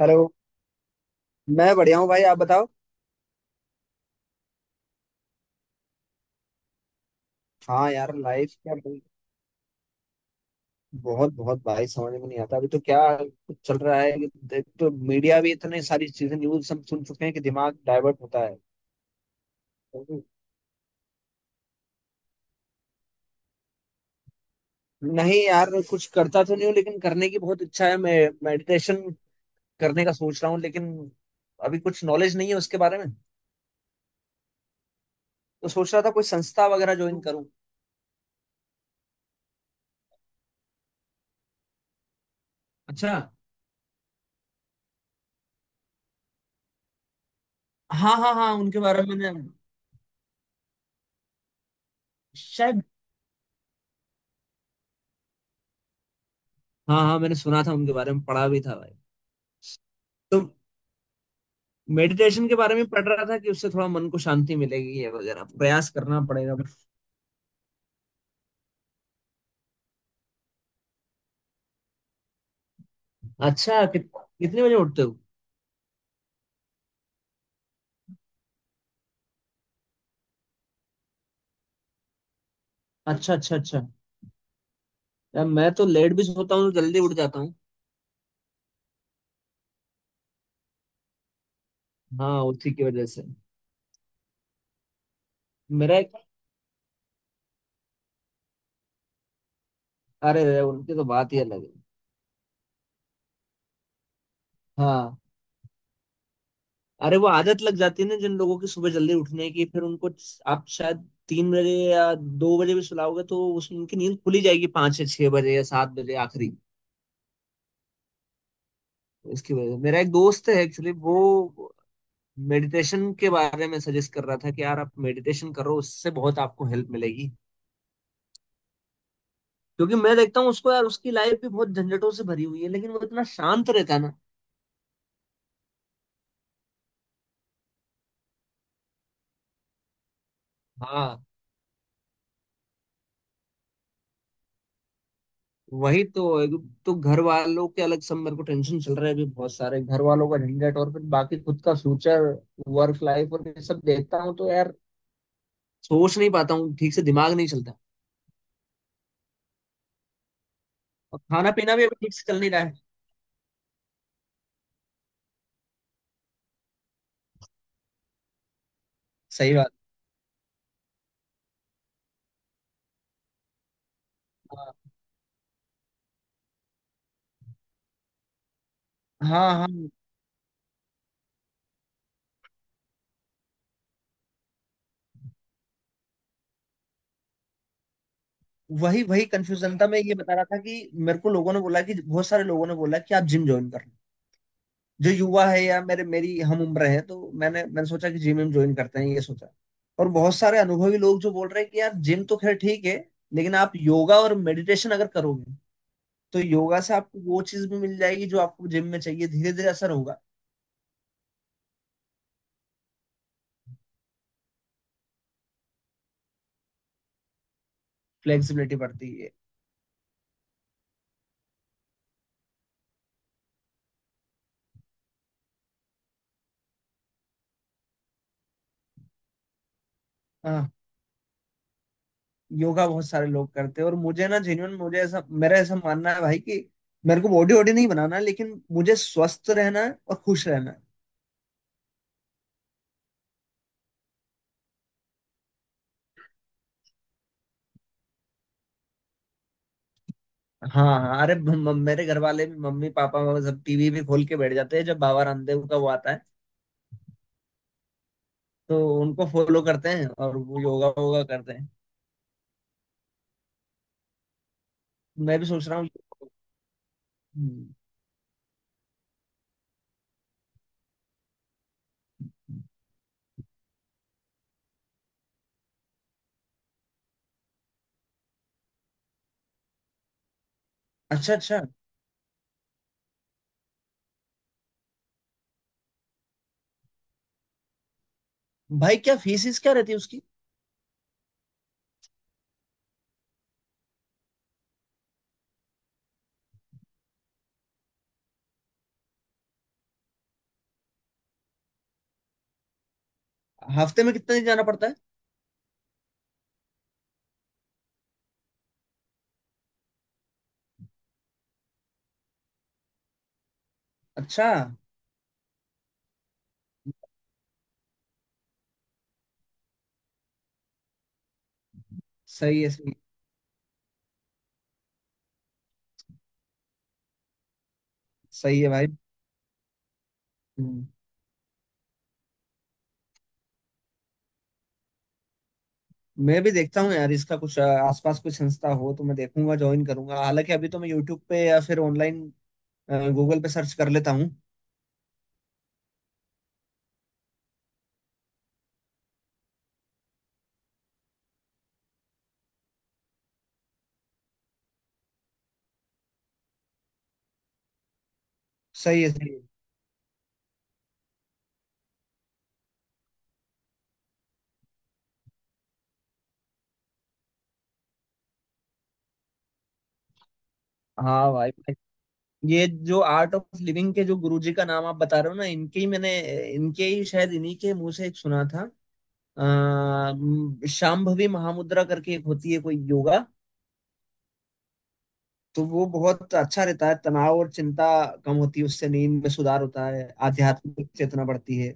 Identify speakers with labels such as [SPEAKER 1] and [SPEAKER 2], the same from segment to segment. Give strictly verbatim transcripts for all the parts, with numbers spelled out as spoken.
[SPEAKER 1] Hello. मैं बढ़िया हूँ भाई, आप बताओ। हाँ यार, लाइफ क्या बोल- बहुत बहुत भाई समझ में नहीं आता, अभी तो क्या कुछ चल रहा है कि देख, तो मीडिया भी इतनी सारी चीजें, न्यूज हम सुन चुके हैं कि दिमाग डाइवर्ट होता है। नहीं यार, कुछ करता तो नहीं हूँ लेकिन करने की बहुत इच्छा है। मैं मेडिटेशन करने का सोच रहा हूँ, लेकिन अभी कुछ नॉलेज नहीं है उसके बारे में। तो सोच रहा था कोई संस्था वगैरह ज्वाइन करूँ। अच्छा। हाँ हाँ हाँ, उनके बारे में मैंने, शायद। हाँ हाँ, मैंने सुना था उनके बारे में, पढ़ा भी था भाई। तो मेडिटेशन के बारे में पढ़ रहा था कि उससे थोड़ा मन को शांति मिलेगी, ये वगैरह प्रयास करना पड़ेगा। अच्छा, कित, कितने बजे उठते हो। अच्छा अच्छा अच्छा। यार मैं तो लेट भी सोता हूँ तो जल्दी उठ जाता हूँ। हाँ उसी की वजह से। मेरा एक, अरे रे, उनकी तो बात ही अलग है। हाँ। अरे वो आदत लग जाती है ना जिन लोगों की सुबह जल्दी उठने की, फिर उनको आप शायद तीन बजे या दो बजे भी सुलाओगे तो उस उनकी नींद खुली जाएगी पाँच या छह बजे या सात बजे आखिरी। इसकी वजह से मेरा एक दोस्त है एक्चुअली, वो मेडिटेशन के बारे में सजेस्ट कर रहा था कि यार आप मेडिटेशन करो, उससे बहुत आपको हेल्प मिलेगी। क्योंकि मैं देखता हूँ उसको, यार उसकी लाइफ भी बहुत झंझटों से भरी हुई है लेकिन वो इतना शांत रहता है ना। हाँ, वही तो एक। तो घर वालों के अलग सब, मेरे को टेंशन चल रहा है अभी, बहुत सारे घर वालों का झंझट और फिर बाकी खुद का फ्यूचर, वर्क लाइफ और ये सब देखता हूँ तो यार सोच नहीं पाता हूँ ठीक से, दिमाग नहीं चलता। और खाना पीना भी अभी ठीक से चल नहीं रहा है। सही बात। हाँ हाँ हाँ। वही वही कंफ्यूजन था, मैं ये बता रहा था कि मेरे को लोगों ने बोला कि, बहुत सारे लोगों ने बोला कि आप जिम ज्वाइन कर लो। जो युवा है या मेरे मेरी हम उम्र है तो मैंने, मैंने सोचा कि जिम ज्वाइन करते हैं, ये सोचा। और बहुत सारे अनुभवी लोग जो बोल रहे हैं कि यार जिम तो खैर ठीक है, लेकिन आप योगा और मेडिटेशन अगर करोगे तो योगा से आपको वो चीज भी मिल जाएगी जो आपको जिम में चाहिए, धीरे धीरे असर होगा। फ्लेक्सिबिलिटी बढ़ती है। हाँ। योगा बहुत सारे लोग करते हैं। और मुझे ना जेन्युइन, मुझे ऐसा, मेरा ऐसा मानना है भाई कि मेरे को बॉडी वॉडी नहीं बनाना है, लेकिन मुझे स्वस्थ रहना है और खुश रहना है। हाँ हाँ, अरे म- म- मेरे घर वाले भी, मम्मी पापा वो सब टीवी भी खोल के बैठ जाते हैं जब बाबा रामदेव का वो आता है तो उनको फॉलो करते हैं और वो योगा वोगा करते हैं। मैं भी सोच रहा हूँ। हम्म। अच्छा अच्छा। भाई क्या फीस क्या रहती है उसकी। हफ्ते में कितने दिन जाना पड़ता है। अच्छा। सही है सही, सही है भाई। हम्म। मैं भी देखता हूँ यार इसका कुछ, अ, आसपास कोई संस्था हो तो मैं देखूंगा ज्वाइन करूंगा। हालांकि अभी तो मैं यूट्यूब पे या फिर ऑनलाइन गूगल पे सर्च कर लेता हूँ। सही है सही है। हाँ भाई भाई। ये जो आर्ट ऑफ लिविंग के जो गुरुजी का नाम आप बता रहे हो ना, इनके ही मैंने, इनके ही शायद, इन्हीं के मुंह से एक सुना था, अः शांभवी महामुद्रा करके एक होती है कोई योगा। तो वो बहुत अच्छा रहता है, तनाव और चिंता कम होती है उससे, नींद में सुधार होता है, आध्यात्मिक चेतना बढ़ती है।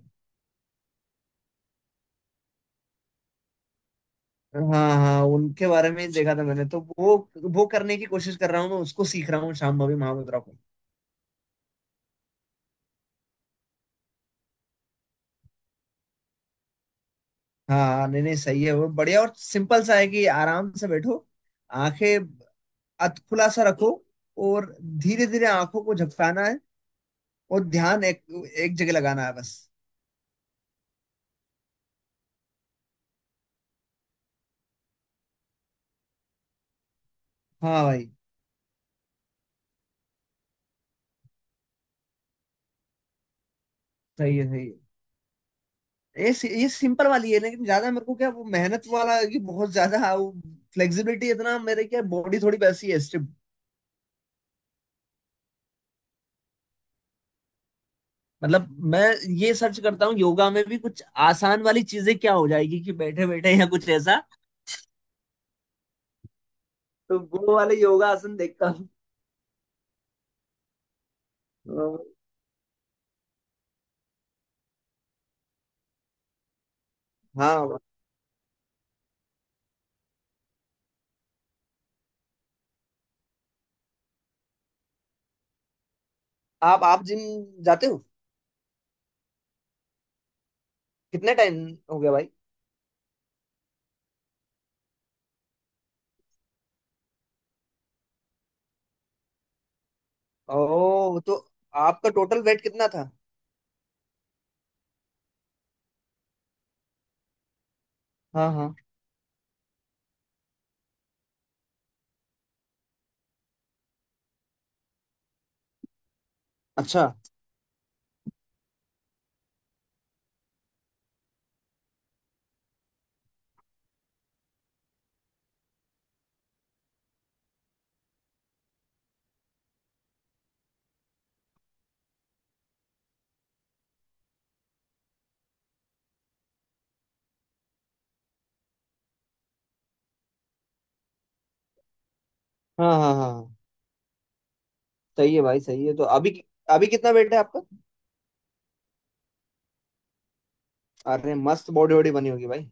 [SPEAKER 1] हाँ हाँ, उनके बारे में ही देखा था मैंने तो। वो वो करने की कोशिश कर रहा हूँ मैं, उसको सीख रहा हूँ शाम भवी महामुद्रा को। हाँ हाँ, नहीं नहीं, सही है वो बढ़िया और सिंपल सा है कि आराम से बैठो, आंखें अध खुला सा रखो, और धीरे धीरे आंखों को झपकाना है और ध्यान एक, एक जगह लगाना है बस। हाँ भाई। सही है सही है। ये सि- ये सिंपल वाली है, लेकिन ज्यादा मेरे को क्या वो मेहनत वाला कि बहुत ज्यादा फ्लेक्सिबिलिटी, इतना मेरे क्या बॉडी थोड़ी वैसी है। मतलब मैं ये सर्च करता हूँ योगा में भी कुछ आसान वाली चीजें क्या हो जाएगी, कि बैठे बैठे या कुछ ऐसा, तो वो वाले योगा आसन देखता हूँ। अ, हाँ आप आप जिम जाते हो कितने टाइम हो गया भाई। ओ तो आपका टोटल वेट कितना था। हाँ हाँ। अच्छा। हाँ हाँ हाँ हाँ, सही है भाई सही है। तो अभी अभी कितना वेट है आपका। अरे मस्त बॉडी वॉडी बनी होगी भाई।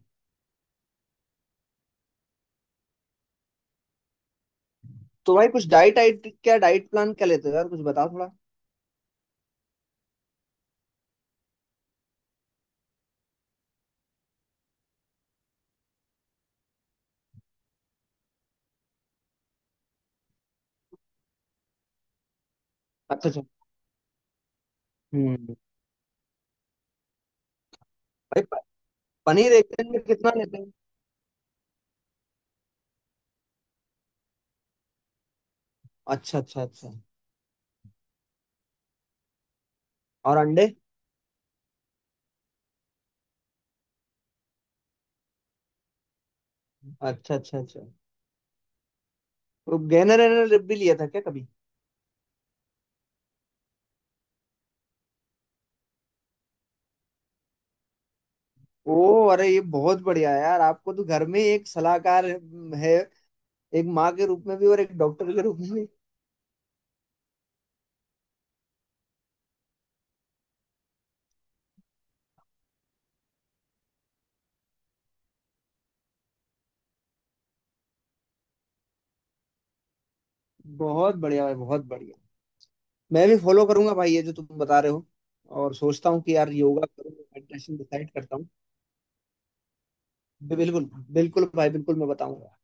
[SPEAKER 1] तो भाई कुछ डाइट आइट क्या, डाइट प्लान क्या लेते हो यार, कुछ बताओ थोड़ा। अच्छा अच्छा। हम्म। भाई प- पनीर एक दिन में कितना लेते हो। अच्छा अच्छा अच्छा। और अंडे। अच्छा अच्छा अच्छा। वो गहना रहना रिप भी लिया था क्या कभी। ओ अरे ये बहुत बढ़िया है यार, आपको तो घर में एक सलाहकार है, एक माँ के रूप में भी और एक डॉक्टर के रूप में भी। बहुत बढ़िया है बहुत बढ़िया। मैं भी फॉलो करूंगा भाई ये जो तुम बता रहे हो। और सोचता हूँ कि यार योगा करूँ, मेडिटेशन डिसाइड करता हूँ। बि- बिल्कुल। बिल्कुल भाई बिल्कुल, मैं बताऊंगा।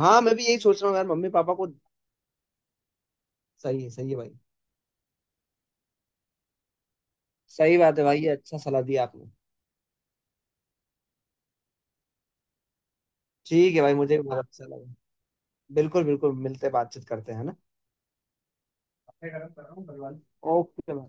[SPEAKER 1] हाँ मैं भी यही सोच रहा हूँ यार, मम्मी पापा को। सही है सही है भाई। सही बात है भाई, ये अच्छा सलाह दिया आपने। ठीक है भाई, मुझे भी बहुत अच्छा लगा। बिल्कुल बिल्कुल, मिलते बातचीत करते हैं है ना। ओके।